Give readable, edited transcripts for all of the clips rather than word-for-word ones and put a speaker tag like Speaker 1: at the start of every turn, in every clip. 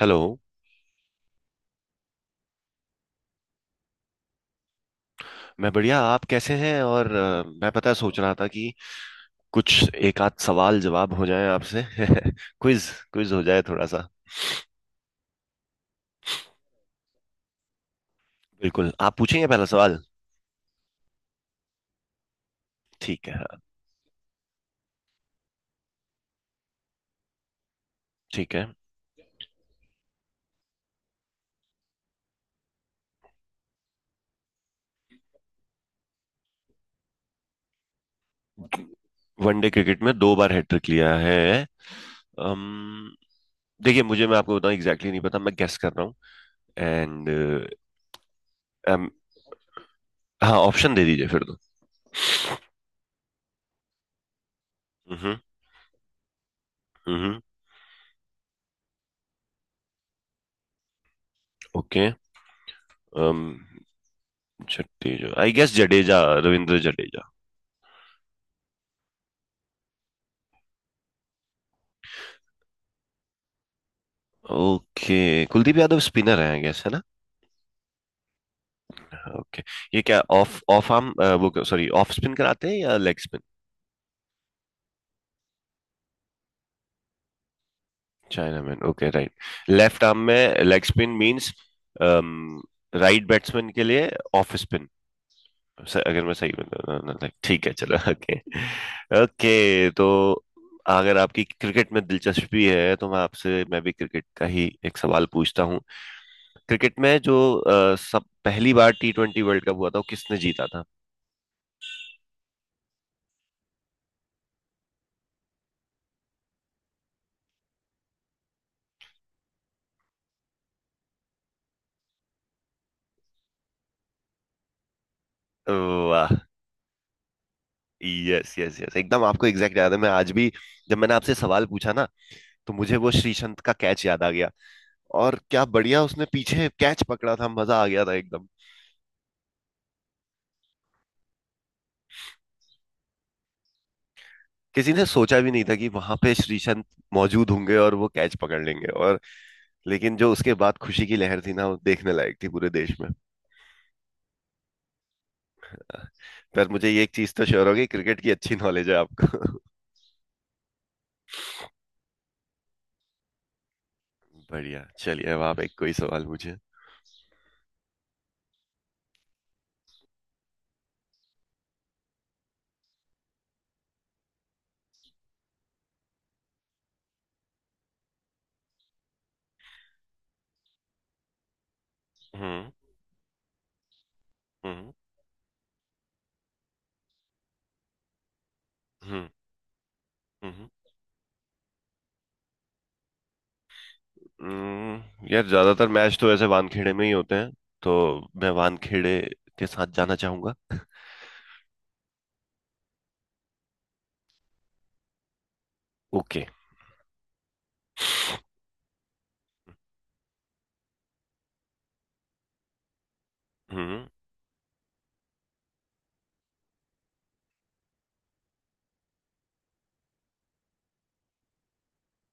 Speaker 1: Hello. मैं बढ़िया। आप कैसे हैं? और मैं पता है सोच रहा था कि कुछ एक आध सवाल जवाब हो जाए आपसे। क्विज क्विज हो जाए थोड़ा सा। बिल्कुल। आप पूछेंगे पहला सवाल। ठीक है हाँ, ठीक है। वनडे क्रिकेट में दो बार हैट्रिक लिया है। अम, देखिए मुझे मैं आपको बताऊं एग्जैक्टली नहीं पता, मैं गेस कर रहा हूँ। एंड। हाँ ऑप्शन दे दीजिए फिर तो। हम्म। हम्म। Okay. Jadeja I guess. Jadeja. Ravindra Jadeja. Okay. Kuldeep Yadav spinner है आई गेस, है ना? ओके। ये क्या ऑफ ऑफ आर्म, वो सॉरी, ऑफ स्पिन कराते हैं या leg spin? Chinaman okay right. Left arm में leg spin means right batsman के लिए ऑफ स्पिन, अगर मैं सही बता। ठीक है चलो। ओके। ओके तो। अगर आपकी क्रिकेट में दिलचस्पी है तो मैं भी क्रिकेट का ही एक सवाल पूछता हूँ। क्रिकेट में जो सब पहली बार T20 वर्ल्ड कप हुआ था वो किसने जीता था? वाह! यस यस यस, एकदम आपको एग्जैक्ट याद है। मैं आज भी, जब मैंने आपसे सवाल पूछा ना, तो मुझे वो श्रीसंत का कैच याद आ गया। और क्या बढ़िया उसने पीछे कैच पकड़ा था, मजा आ गया था एकदम। किसी ने सोचा भी नहीं था कि वहां पे श्रीसंत मौजूद होंगे और वो कैच पकड़ लेंगे। और लेकिन जो उसके बाद खुशी की लहर थी ना, वो देखने लायक थी पूरे देश में। पर मुझे ये एक चीज तो श्योर हो गई, क्रिकेट की अच्छी नॉलेज है आपको। बढ़िया, चलिए अब आप एक कोई सवाल पूछे। हम्म। हम्म। हम्म। हम्म। यार ज्यादातर मैच तो ऐसे वानखेड़े में ही होते हैं, तो मैं वानखेड़े के साथ जाना चाहूंगा। ओके। हम्म।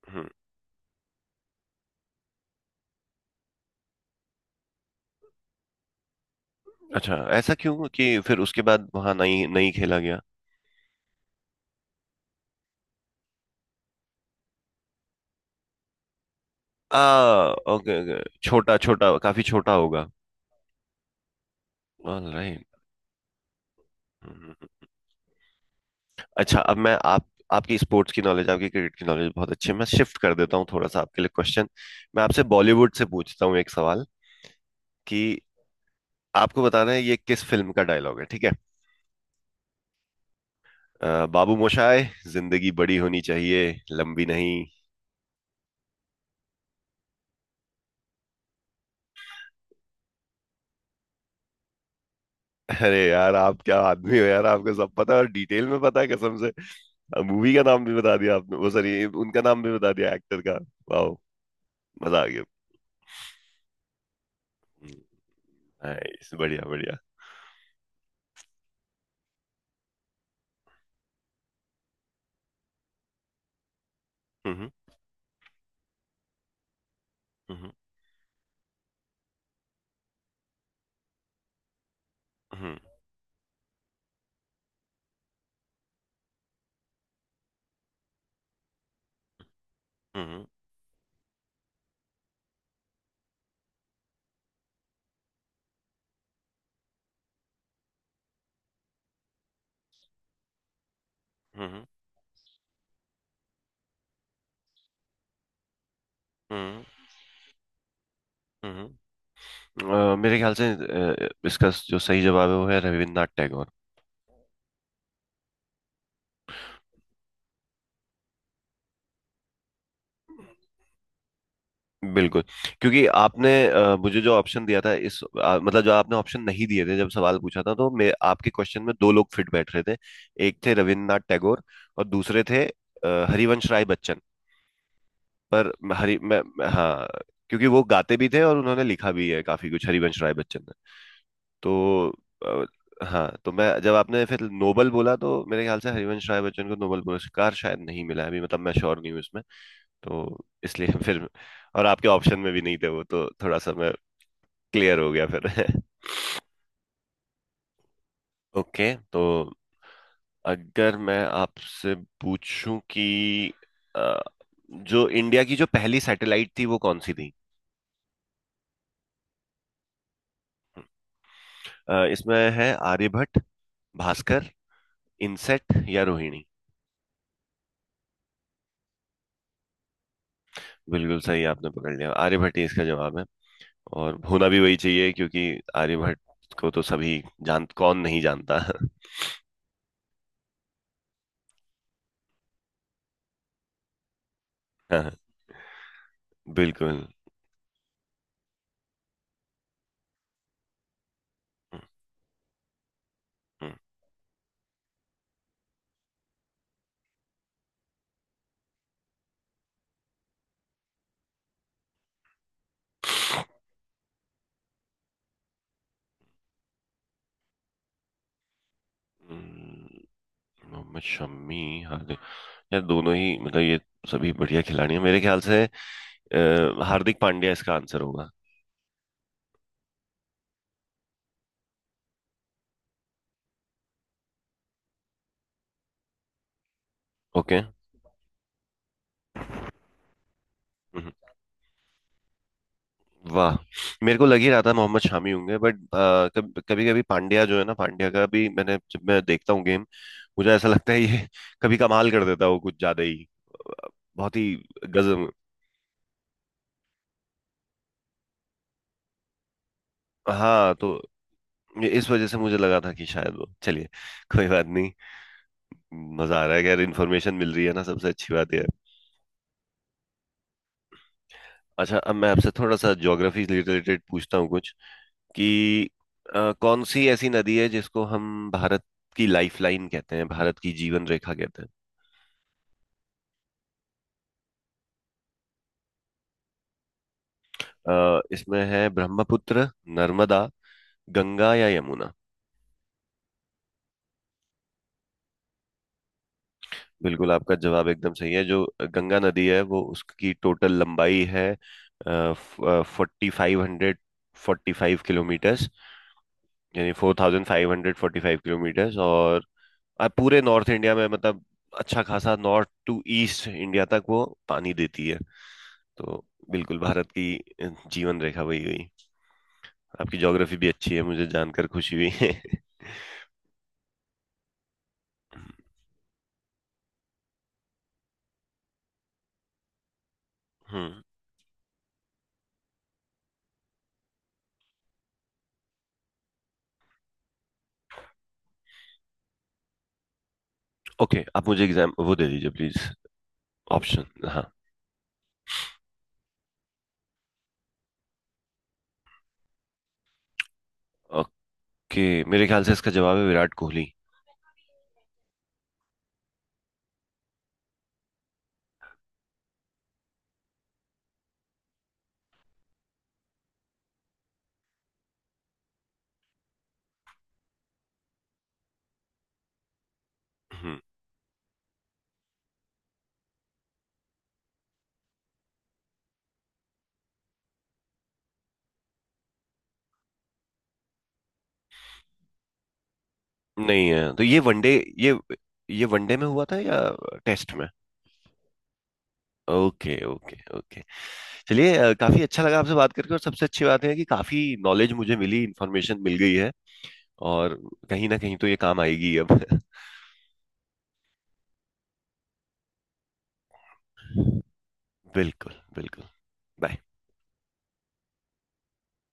Speaker 1: हम्म। अच्छा ऐसा क्यों कि फिर उसके बाद वहां नहीं नहीं खेला गया? आ, ओके ओके। छोटा छोटा, काफी छोटा होगा। ऑलराइट। अच्छा अब मैं आप आपकी स्पोर्ट्स की नॉलेज, आपकी क्रिकेट की नॉलेज बहुत अच्छी है। मैं शिफ्ट कर देता हूँ थोड़ा सा आपके लिए क्वेश्चन। मैं आपसे बॉलीवुड से पूछता हूँ एक सवाल, कि आपको बताना है ये किस फिल्म का डायलॉग है, ठीक है? बाबू मोशाय, जिंदगी बड़ी होनी चाहिए, लंबी नहीं। अरे यार, आप क्या आदमी हो यार, आपको सब पता है और डिटेल में पता है कसम से। मूवी का नाम भी बता दिया आपने, वो सॉरी, उनका नाम भी बता दिया एक्टर का। वाह, मजा आ गया। नाइस, बढ़िया बढ़िया। हम्म। हम्म। हम्म। हम्म। हम्म। हम्म। हम्म। हम्म। हम्म। हम्म। मेरे ख्याल से इसका जो सही जवाब है वो है रविन्द्रनाथ टैगोर। बिल्कुल। क्योंकि आपने मुझे जो ऑप्शन दिया था, इस मतलब जो आपने ऑप्शन नहीं दिए थे जब सवाल पूछा था, तो मैं आपके क्वेश्चन में दो लोग फिट बैठ रहे थे। एक थे रविन्द्रनाथ टैगोर, और दूसरे थे हरिवंश राय बच्चन। पर हरि, हाँ। क्योंकि वो गाते भी थे और उन्होंने लिखा भी है काफी कुछ, हरिवंश राय बच्चन। तो अ, हाँ, तो मैं, जब आपने फिर नोबल बोला तो मेरे ख्याल से हरिवंश राय बच्चन को नोबल पुरस्कार शायद नहीं मिला है अभी, मतलब मैं श्योर नहीं हूँ इसमें। तो इसलिए फिर, और आपके ऑप्शन में भी नहीं थे वो, तो थोड़ा सा मैं क्लियर हो गया फिर। ओके तो, अगर मैं आपसे पूछूं कि अ, जो इंडिया की जो पहली सैटेलाइट थी वो कौन सी थी? इसमें है आर्यभट्ट, भास्कर, इनसेट या रोहिणी। बिल्कुल सही, आपने पकड़ लिया, आर्यभट्ट ही इसका जवाब है। और होना भी वही चाहिए, क्योंकि आर्यभट्ट को तो सभी जान, कौन नहीं जानता। हाँ, बिल्कुल। हम्म। हम्म। मोहम्मद शमी, हार्दिक, यार दोनों ही मतलब ये सभी बढ़िया खिलाड़ी हैं मेरे ख्याल से। हार्दिक पांड्या इसका आंसर होगा। ओके। हम्म। वाह, मेरे को लग ही रहा था मोहम्मद शमी होंगे, बट कभी कभी पांड्या जो है ना, पांड्या का भी मैंने जब मैं देखता हूँ गेम, मुझे ऐसा लगता है ये कभी कमाल कर देता है, वो कुछ ज्यादा ही अ, बहुत ही गजब। हाँ, तो ये इस वजह से मुझे लगा था कि शायद वो, चलिए कोई बात नहीं। मजा आ रहा है कि यार इन्फॉर्मेशन मिल रही है ना, सबसे अच्छी बात ये है। अच्छा अब मैं आपसे थोड़ा सा ज्योग्राफी रिलेटेड पूछता हूँ कुछ, कि कौन सी ऐसी नदी है जिसको हम भारत की लाइफ लाइन कहते हैं, भारत की जीवन रेखा कहते हैं? इसमें है ब्रह्मपुत्र, नर्मदा, गंगा या यमुना। बिल्कुल, आपका जवाब एकदम सही है। जो गंगा नदी है वो, उसकी टोटल लंबाई है 4545 किलोमीटर्स, यानी 4545 किलोमीटर्स। और पूरे नॉर्थ इंडिया में मतलब, अच्छा खासा नॉर्थ टू ईस्ट इंडिया तक वो पानी देती है। तो बिल्कुल भारत की जीवन रेखा वही गई। आपकी ज्योग्राफी भी अच्छी है, मुझे जानकर खुशी हुई। हम्म। ओके, आप मुझे एग्जाम वो दे दीजिए प्लीज। ऑप्शन हाँ। ओके मेरे ख्याल से इसका जवाब है विराट कोहली। हम्म। नहीं है तो ये वनडे, ये ये वनडे में हुआ था या टेस्ट में? Okay okay okay. चलिए, काफी अच्छा लगा आपसे बात करके। और सबसे अच्छी बात है कि काफी नॉलेज मुझे मिली, इंफॉर्मेशन मिल गई है। और कहीं ना कहीं तो ये काम आएगी अब। बिल्कुल बिल्कुल। बाय।